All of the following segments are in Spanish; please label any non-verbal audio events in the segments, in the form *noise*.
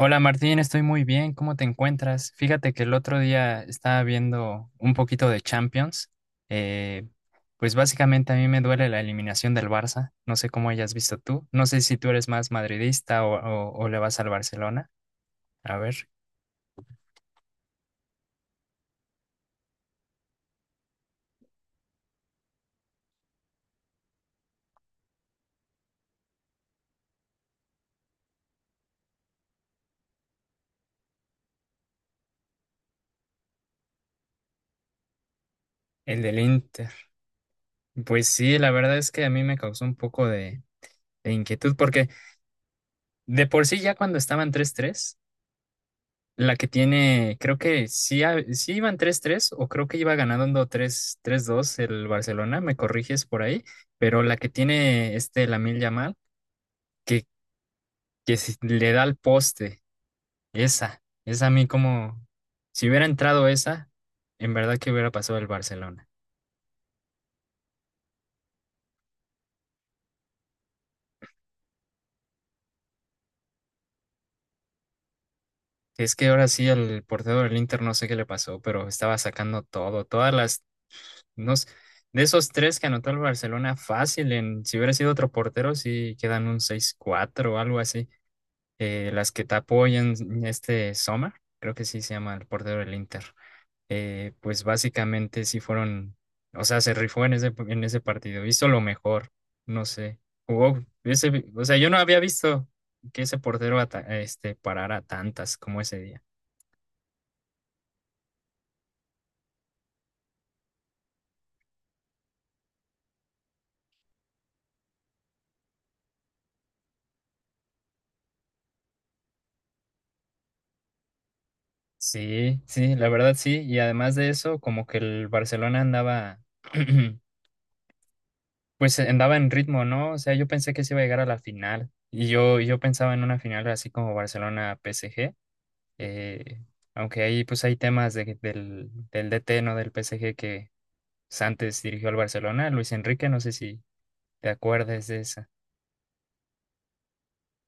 Hola Martín, estoy muy bien. ¿Cómo te encuentras? Fíjate que el otro día estaba viendo un poquito de Champions. Eh, pues básicamente a mí me duele la eliminación del Barça. No sé cómo hayas visto tú. No sé si tú eres más madridista o le vas al Barcelona. A ver, el del Inter. Pues sí, la verdad es que a mí me causó un poco de inquietud porque de por sí ya cuando estaban 3-3. La que tiene, creo que sí, sí iban 3-3 o creo que iba ganando 3 3-2 el Barcelona, me corriges por ahí, pero la que tiene este Lamine Yamal, que, que si le da al poste, esa a mí como, si hubiera entrado esa, en verdad que hubiera pasado el Barcelona. Es que ahora sí el portero del Inter no sé qué le pasó, pero estaba sacando todo, todas las, unos, de esos tres que anotó el Barcelona fácil, en, si hubiera sido otro portero, sí quedan un 6-4 o algo así. Las que te apoyan este Sommer, creo que sí se llama el portero del Inter. Pues básicamente sí fueron, o sea, se rifó en ese partido, hizo lo mejor, no sé, jugó, o sea, yo no había visto que ese portero este, parara tantas como ese día. Sí, sí, la verdad sí, y además de eso, como que el Barcelona andaba, *clears throat* pues andaba en ritmo, ¿no? O sea, yo pensé que se iba a llegar a la final, y yo pensaba en una final así como Barcelona PSG. Eh, Aunque ahí pues hay temas del DT, ¿no? Del PSG que pues, antes dirigió al Barcelona, Luis Enrique, no sé si te acuerdas de esa.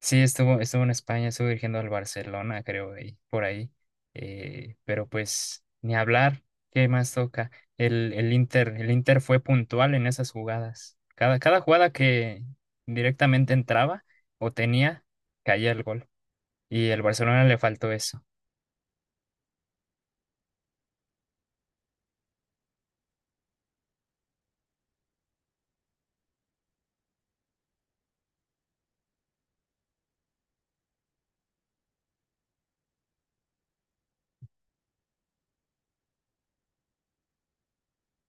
Sí, estuvo en España, estuvo dirigiendo al Barcelona, creo, ahí, por ahí. Pero pues ni hablar, ¿qué más toca? El Inter fue puntual en esas jugadas. Cada jugada que directamente entraba o tenía, caía el gol. Y el Barcelona le faltó eso.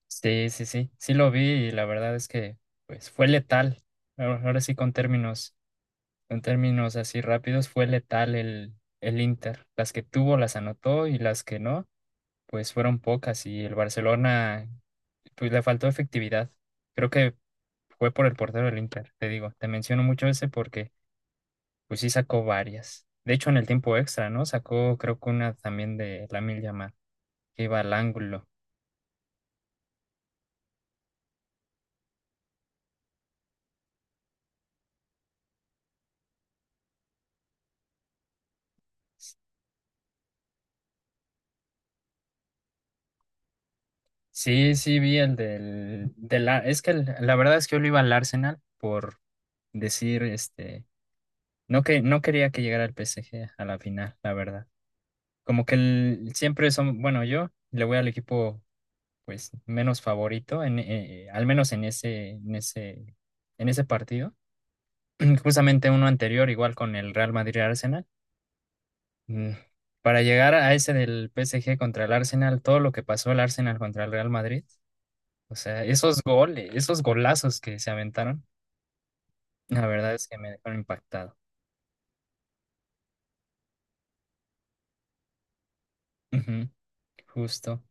Sí, sí, sí, sí lo vi y la verdad es que pues fue letal. Ahora sí con términos así rápidos, fue letal el Inter. Las que tuvo las anotó y las que no, pues fueron pocas y el Barcelona pues le faltó efectividad. Creo que fue por el portero del Inter, te digo, te menciono mucho ese porque pues sí sacó varias. De hecho en el tiempo extra, ¿no? Sacó creo que una también de Lamine Yamal que iba al ángulo. Sí, sí, vi el del es que la verdad es que yo le iba al Arsenal por decir, este, no que no quería que llegara el PSG a la final, la verdad. Como que siempre son, bueno, yo le voy al equipo pues menos favorito en al menos en ese partido. *clears throat* Justamente uno anterior igual con el Real Madrid y Arsenal. Mm, Para llegar a ese del PSG contra el Arsenal, todo lo que pasó el Arsenal contra el Real Madrid. O sea, esos goles, esos golazos que se aventaron, la verdad es que me dejaron impactado. Ujú, justo.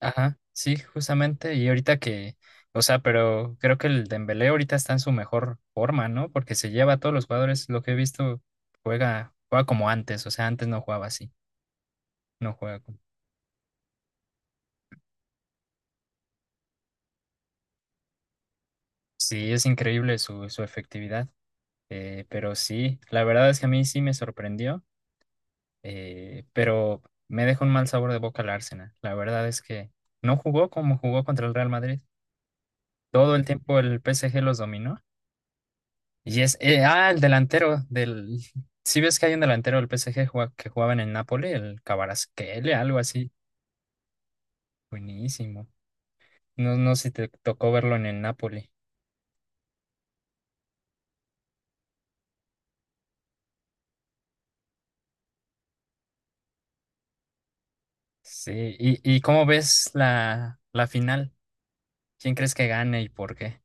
Ajá, sí, justamente. Y ahorita que, o sea, pero creo que el Dembélé ahorita está en su mejor forma, ¿no? Porque se lleva a todos los jugadores. Lo que he visto, juega como antes. O sea, antes no jugaba así. No juega como. Sí, es increíble su efectividad. Pero sí, la verdad es que a mí sí me sorprendió. Pero me deja un mal sabor de boca el Arsenal. La verdad es que no jugó como jugó contra el Real Madrid. Todo el tiempo el PSG los dominó. El delantero del, *laughs* si ves que hay un delantero del PSG que jugaba en el Napoli, el Kvaratskhelia, algo así. Buenísimo. No, no sé si te tocó verlo en el Napoli. Sí, ¿y cómo ves la final? ¿Quién crees que gane y por qué?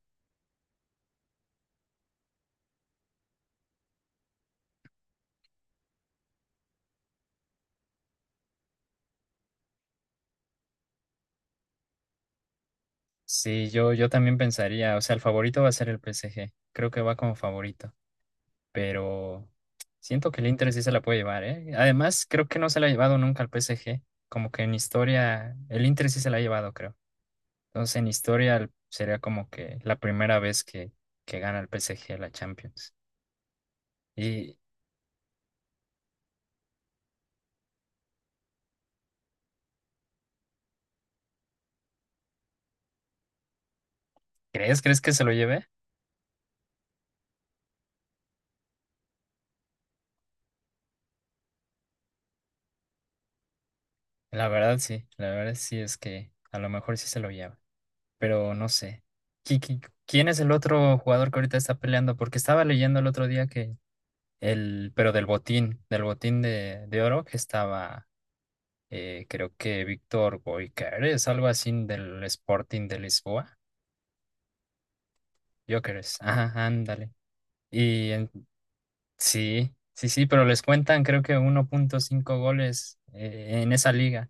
Sí, yo también pensaría, o sea, el favorito va a ser el PSG. Creo que va como favorito. Pero siento que el Inter sí se la puede llevar, ¿eh? Además, creo que no se la ha llevado nunca al PSG. Como que en historia, el Inter sí se la ha llevado, creo. Entonces, en historia sería como que la primera vez que gana el PSG la Champions. ¿Y crees que se lo lleve? La verdad sí es que a lo mejor sí se lo lleva, pero no sé. ¿Quién es el otro jugador que ahorita está peleando? Porque estaba leyendo el otro día que pero del botín de oro que estaba creo que Víctor Gyökeres, algo así del Sporting de Lisboa. Gyökeres, ajá, ándale. Y en- sí, sí, sí, pero les cuentan creo que 1.5 goles en esa liga,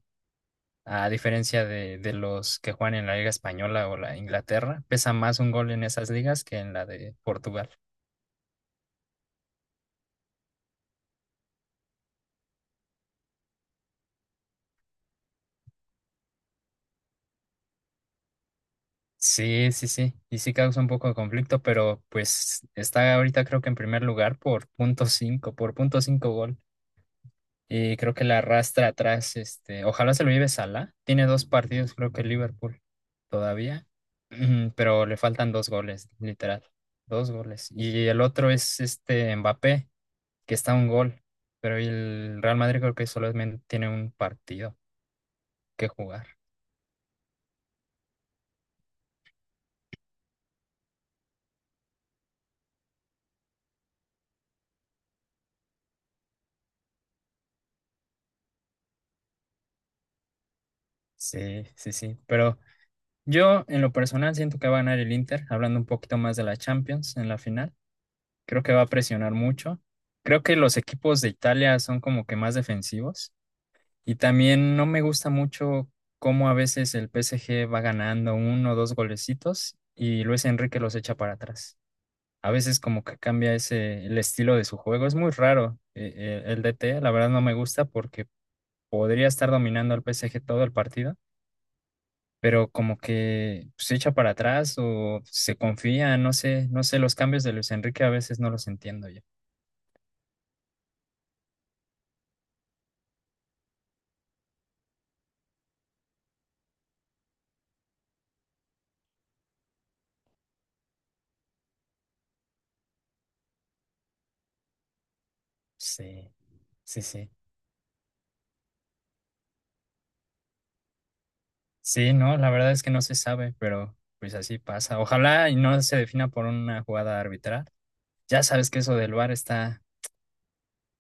a diferencia de los que juegan en la Liga Española o la Inglaterra, pesa más un gol en esas ligas que en la de Portugal. Sí, sí, sí, y sí causa un poco de conflicto, pero pues está ahorita creo que en primer lugar por punto cinco gol. Y creo que la arrastra atrás, este, ojalá se lo lleve Salah. Tiene dos partidos, creo que Liverpool todavía, *clears throat* pero le faltan dos goles, literal, dos goles. Y el otro es este Mbappé, que está a un gol, pero el Real Madrid creo que solamente tiene un partido que jugar. Sí, sí, sí. Pero yo en lo personal siento que va a ganar el Inter, hablando un poquito más de la Champions en la final. Creo que va a presionar mucho. Creo que los equipos de Italia son como que más defensivos. Y también no me gusta mucho cómo a veces el PSG va ganando uno o dos golecitos y Luis Enrique los echa para atrás. A veces como que cambia ese el estilo de su juego. Es muy raro el DT, la verdad no me gusta porque podría estar dominando al PSG todo el partido, pero como que se echa para atrás o se confía, no sé, no sé, los cambios de Luis Enrique a veces no los entiendo yo. Sí, sí, sí. Sí, no, la verdad es que no se sabe, pero pues así pasa. Ojalá y no se defina por una jugada arbitral. Ya sabes que eso del VAR está,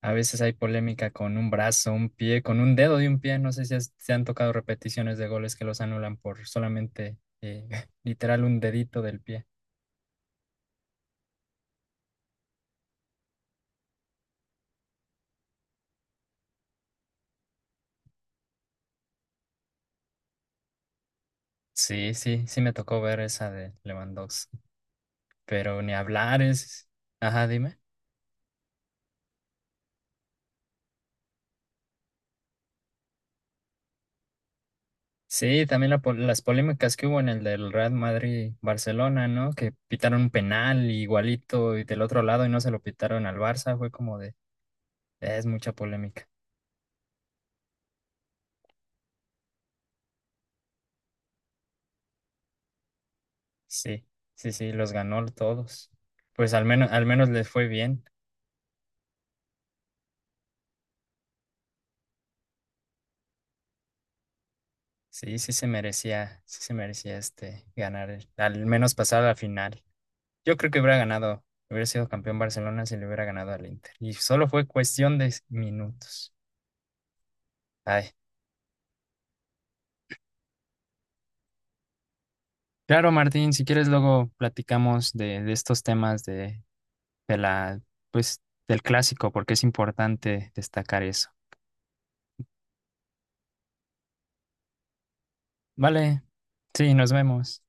a veces hay polémica con un brazo, un pie, con un dedo de un pie. No sé si te han tocado repeticiones de goles que los anulan por solamente *laughs* literal un dedito del pie. Sí, sí, sí me tocó ver esa de Lewandowski, pero ni hablar es. Ajá, dime. Sí, también las polémicas que hubo en el del Real Madrid-Barcelona, ¿no? Que pitaron un penal igualito y del otro lado y no se lo pitaron al Barça, fue como de, es mucha polémica. Sí, sí, sí, los ganó todos. Pues al menos les fue bien. Sí, sí se merecía este ganar, al menos pasar a la final. Yo creo que hubiera ganado, hubiera sido campeón Barcelona si le hubiera ganado al Inter. Y solo fue cuestión de minutos. Ay, claro, Martín, si quieres luego platicamos de estos temas de pues, del clásico, porque es importante destacar eso. Vale, sí, nos vemos.